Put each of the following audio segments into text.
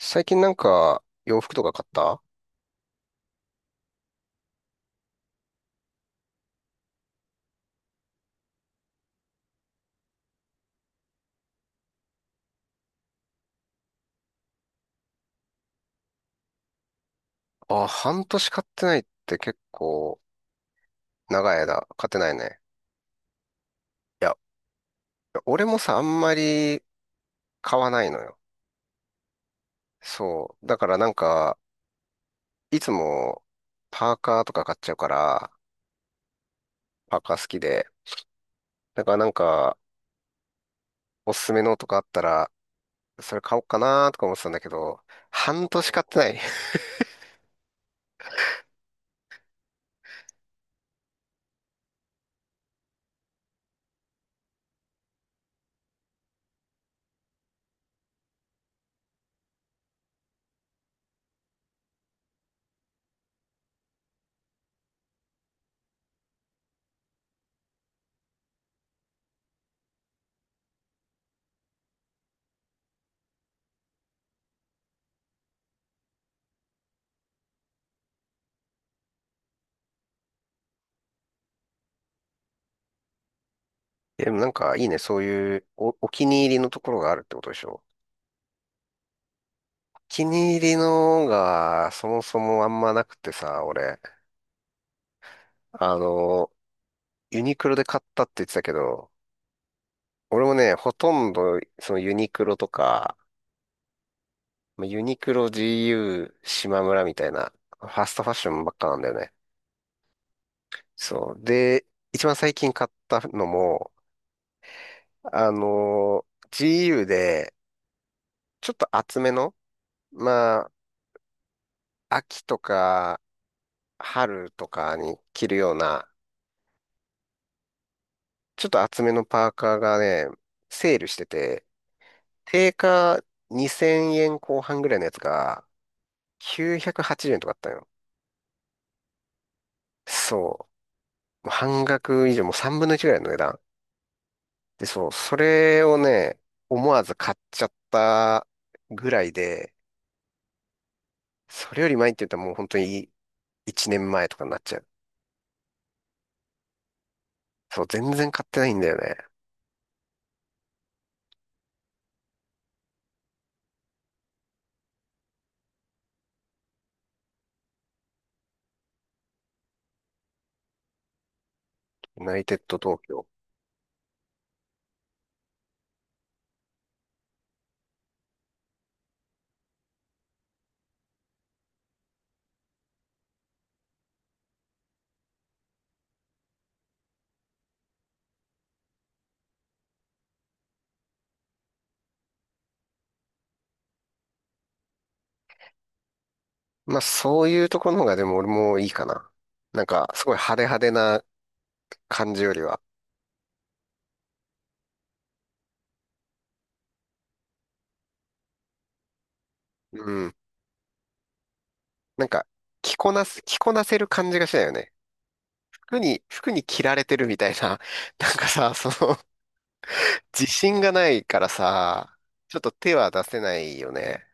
最近なんか洋服とか買った？あ、半年買ってないって結構長い間買ってないね。いや、俺もさ、あんまり買わないのよ。そう。だからいつもパーカーとか買っちゃうから、パーカー好きで。だからおすすめのとかあったら、それ買おうかなとか思ってたんだけど、半年買ってない。でもなんかいいね、そういうお気に入りのところがあるってことでしょ？お気に入りのがそもそもあんまなくてさ、俺。あの、ユニクロで買ったって言ってたけど、俺もね、ほとんど、そのユニクロとか、まあユニクロ、GU、島村みたいな、ファストファッションばっかなんだよね。そう。で、一番最近買ったのも、あの、GU で、ちょっと厚めの、まあ、秋とか、春とかに着るような、ちょっと厚めのパーカーがね、セールしてて、定価2000円後半ぐらいのやつが、980円とかあったよ。そう。もう半額以上、もう3分の1ぐらいの値段。で、そう、それをね、思わず買っちゃったぐらいで、それより前って言ったらもう本当に1年前とかになっちゃう。そう、全然買ってないんだよね。ユナイテッド東京。まあ、そういうところの方がでも俺もいいかな。すごい派手派手な感じよりは。うん。なんか、着こなせる感じがしないよね。服に着られてるみたいな。なんかさ、その自信がないからさ、ちょっと手は出せないよね。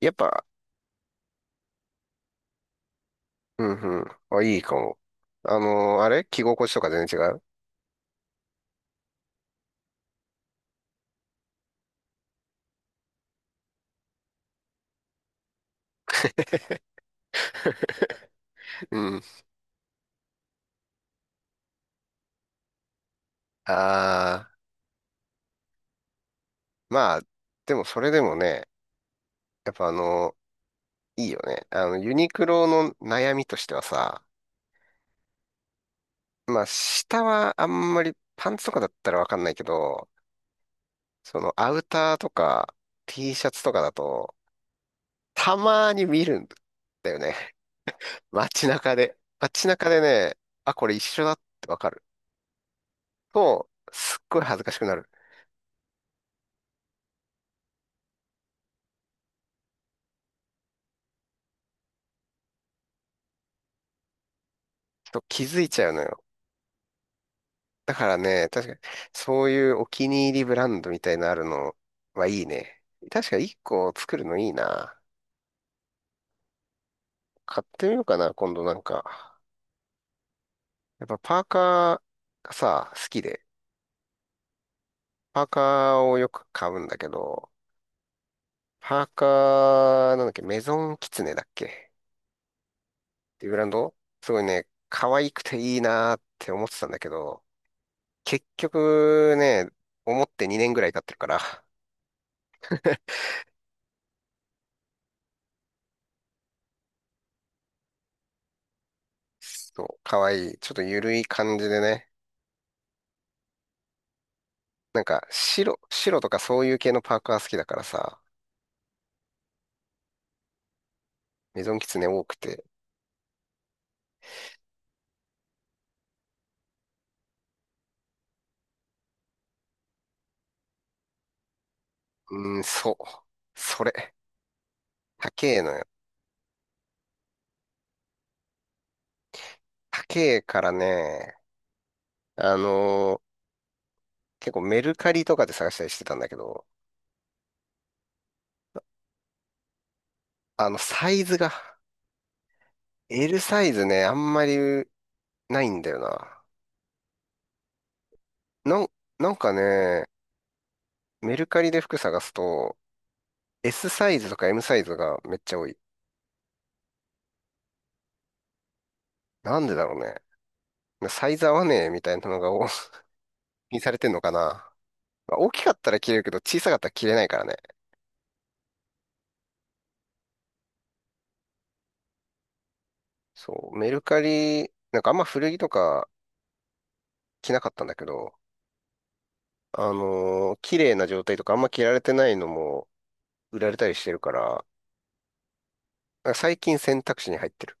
やっぱ、うんうん。あ、いいかも。あれ着心地とか全然違う？ うん。ああ、まあ、でもそれでもね、やっぱあのいいよね。あの、ユニクロの悩みとしてはさ、まあ、下はあんまりパンツとかだったらわかんないけど、そのアウターとか T シャツとかだと、たまに見るんだよね。街中で、街中でね、あ、これ一緒だってわかると、すっごい恥ずかしくなる。ちょっと気づいちゃうのよ。だからね、確かに、そういうお気に入りブランドみたいなのあるのはいいね。確かに1個作るのいいな。買ってみようかな、今度なんか。やっぱパーカーがさ、好きで。パーカーをよく買うんだけど、パーカー、なんだっけ、メゾンキツネだっけっていうブランドすごいね、可愛くていいなーって思ってたんだけど、結局ね、思って2年ぐらい経ってるから、そう、かわいい。ちょっとゆるい感じでね。白とかそういう系のパーカー好きだからさ、メゾンキツネ多くて。うーん、そう。それ。高えのよ。高えからね、あのー結構メルカリとかで探したりしてたんだけど、サイズが、L サイズね、あんまりないんだよな。なん、なんかね、メルカリで服探すと、S サイズとか M サイズがめっちゃ多い。なんでだろうね。サイズ合わねえみたいなのが多 にされてんのかな。まあ大きかったら着れるけど、小さかったら着れないからね。そう、メルカリ、なんかあんま古着とか着なかったんだけど、あのー綺麗な状態とかあんま着られてないのも売られたりしてるから、なんか最近選択肢に入ってる。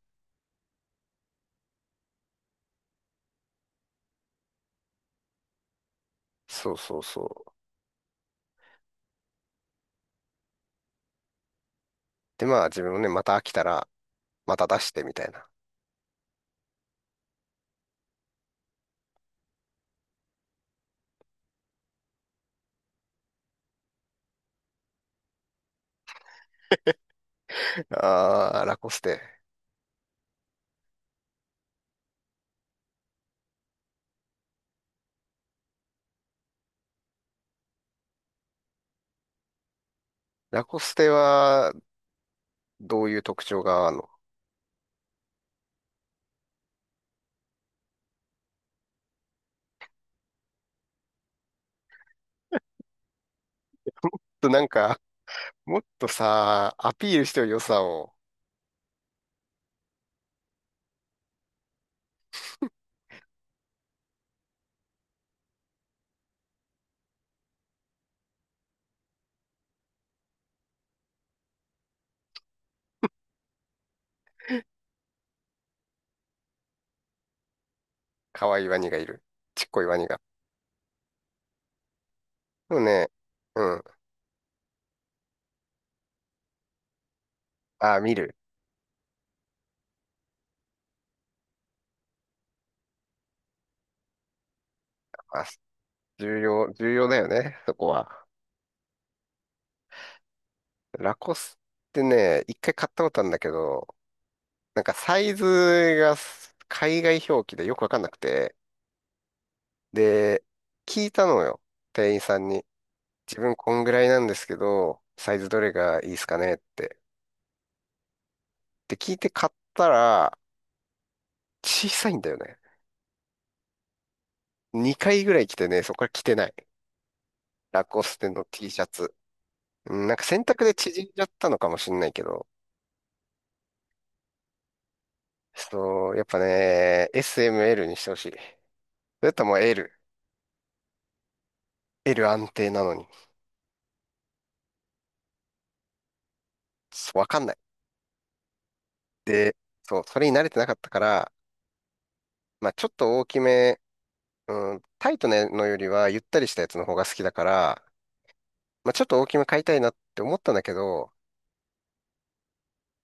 そうそうそう。で、まあ自分もね、また飽きたら、また出してみたいな。あー、ラコステ。ラコステは、どういう特徴があるの？なんか、もっとさ、アピールしてよ、良さを。可愛いワニがいる。ちっこいワニが。でもね、うん。あー、見る。あ、重要だよね、そこは。ラコスってね、一回買ったことあるんだけど、なんかサイズが海外表記でよくわかんなくて、で、聞いたのよ、店員さんに。自分こんぐらいなんですけど、サイズどれがいいですかねって。で、聞いて買ったら、小さいんだよね。2回ぐらい着てね、そこから着てない。ラコステの T シャツ。うんなんか選択で縮んじゃったのかもしんないけど、そう、やっぱね、SML にしてほしい。それとも L、L 安定なのに、そうわかんない。で、そう、それに慣れてなかったから、まあちょっと大きめ、うん、タイトなのよりはゆったりしたやつの方が好きだから、まあちょっと大きめ買いたいなって思ったんだけど、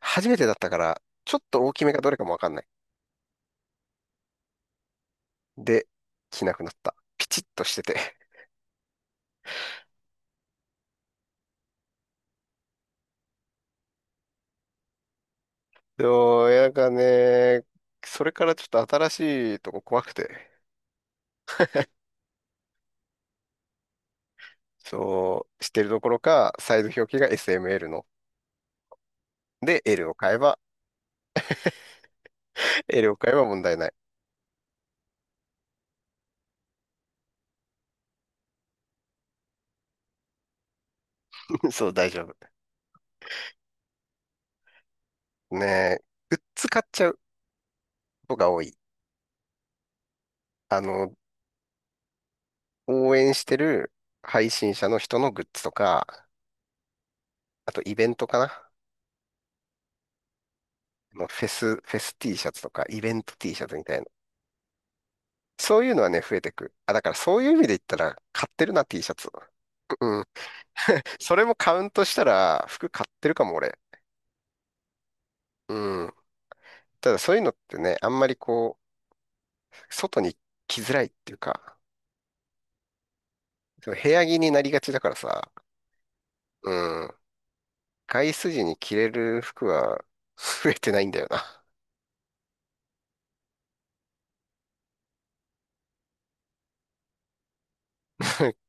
初めてだったから、ちょっと大きめがどれかもわかんない。で、着なくなった。ピチッとしてて。そう、いやなんかね、それからちょっと新しいとこ怖くて。そう、してるどころか、サイズ表記が SML の。で、L を買えば、L を買えば問題ない。そう、大丈夫。ねえ、グッズ買っちゃうことが多い。あの、応援してる配信者の人のグッズとか、あとイベントかな。あのフェス T シャツとか、イベント T シャツみたいな。そういうのはね、増えてく。あ、だからそういう意味で言ったら、買ってるな、T シャツ。うん。それもカウントしたら、服買ってるかも、俺。うん。ただそういうのってね、あんまりこう、外に着づらいっていうか、その部屋着になりがちだからさ、うん、外出時に着れる服は 増えてないんだよな。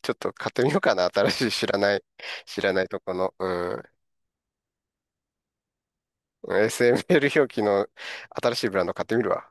ちょっと買ってみようかな、新しい知らない、知らないとこの、うん、SML 表記の新しいブランド買ってみるわ。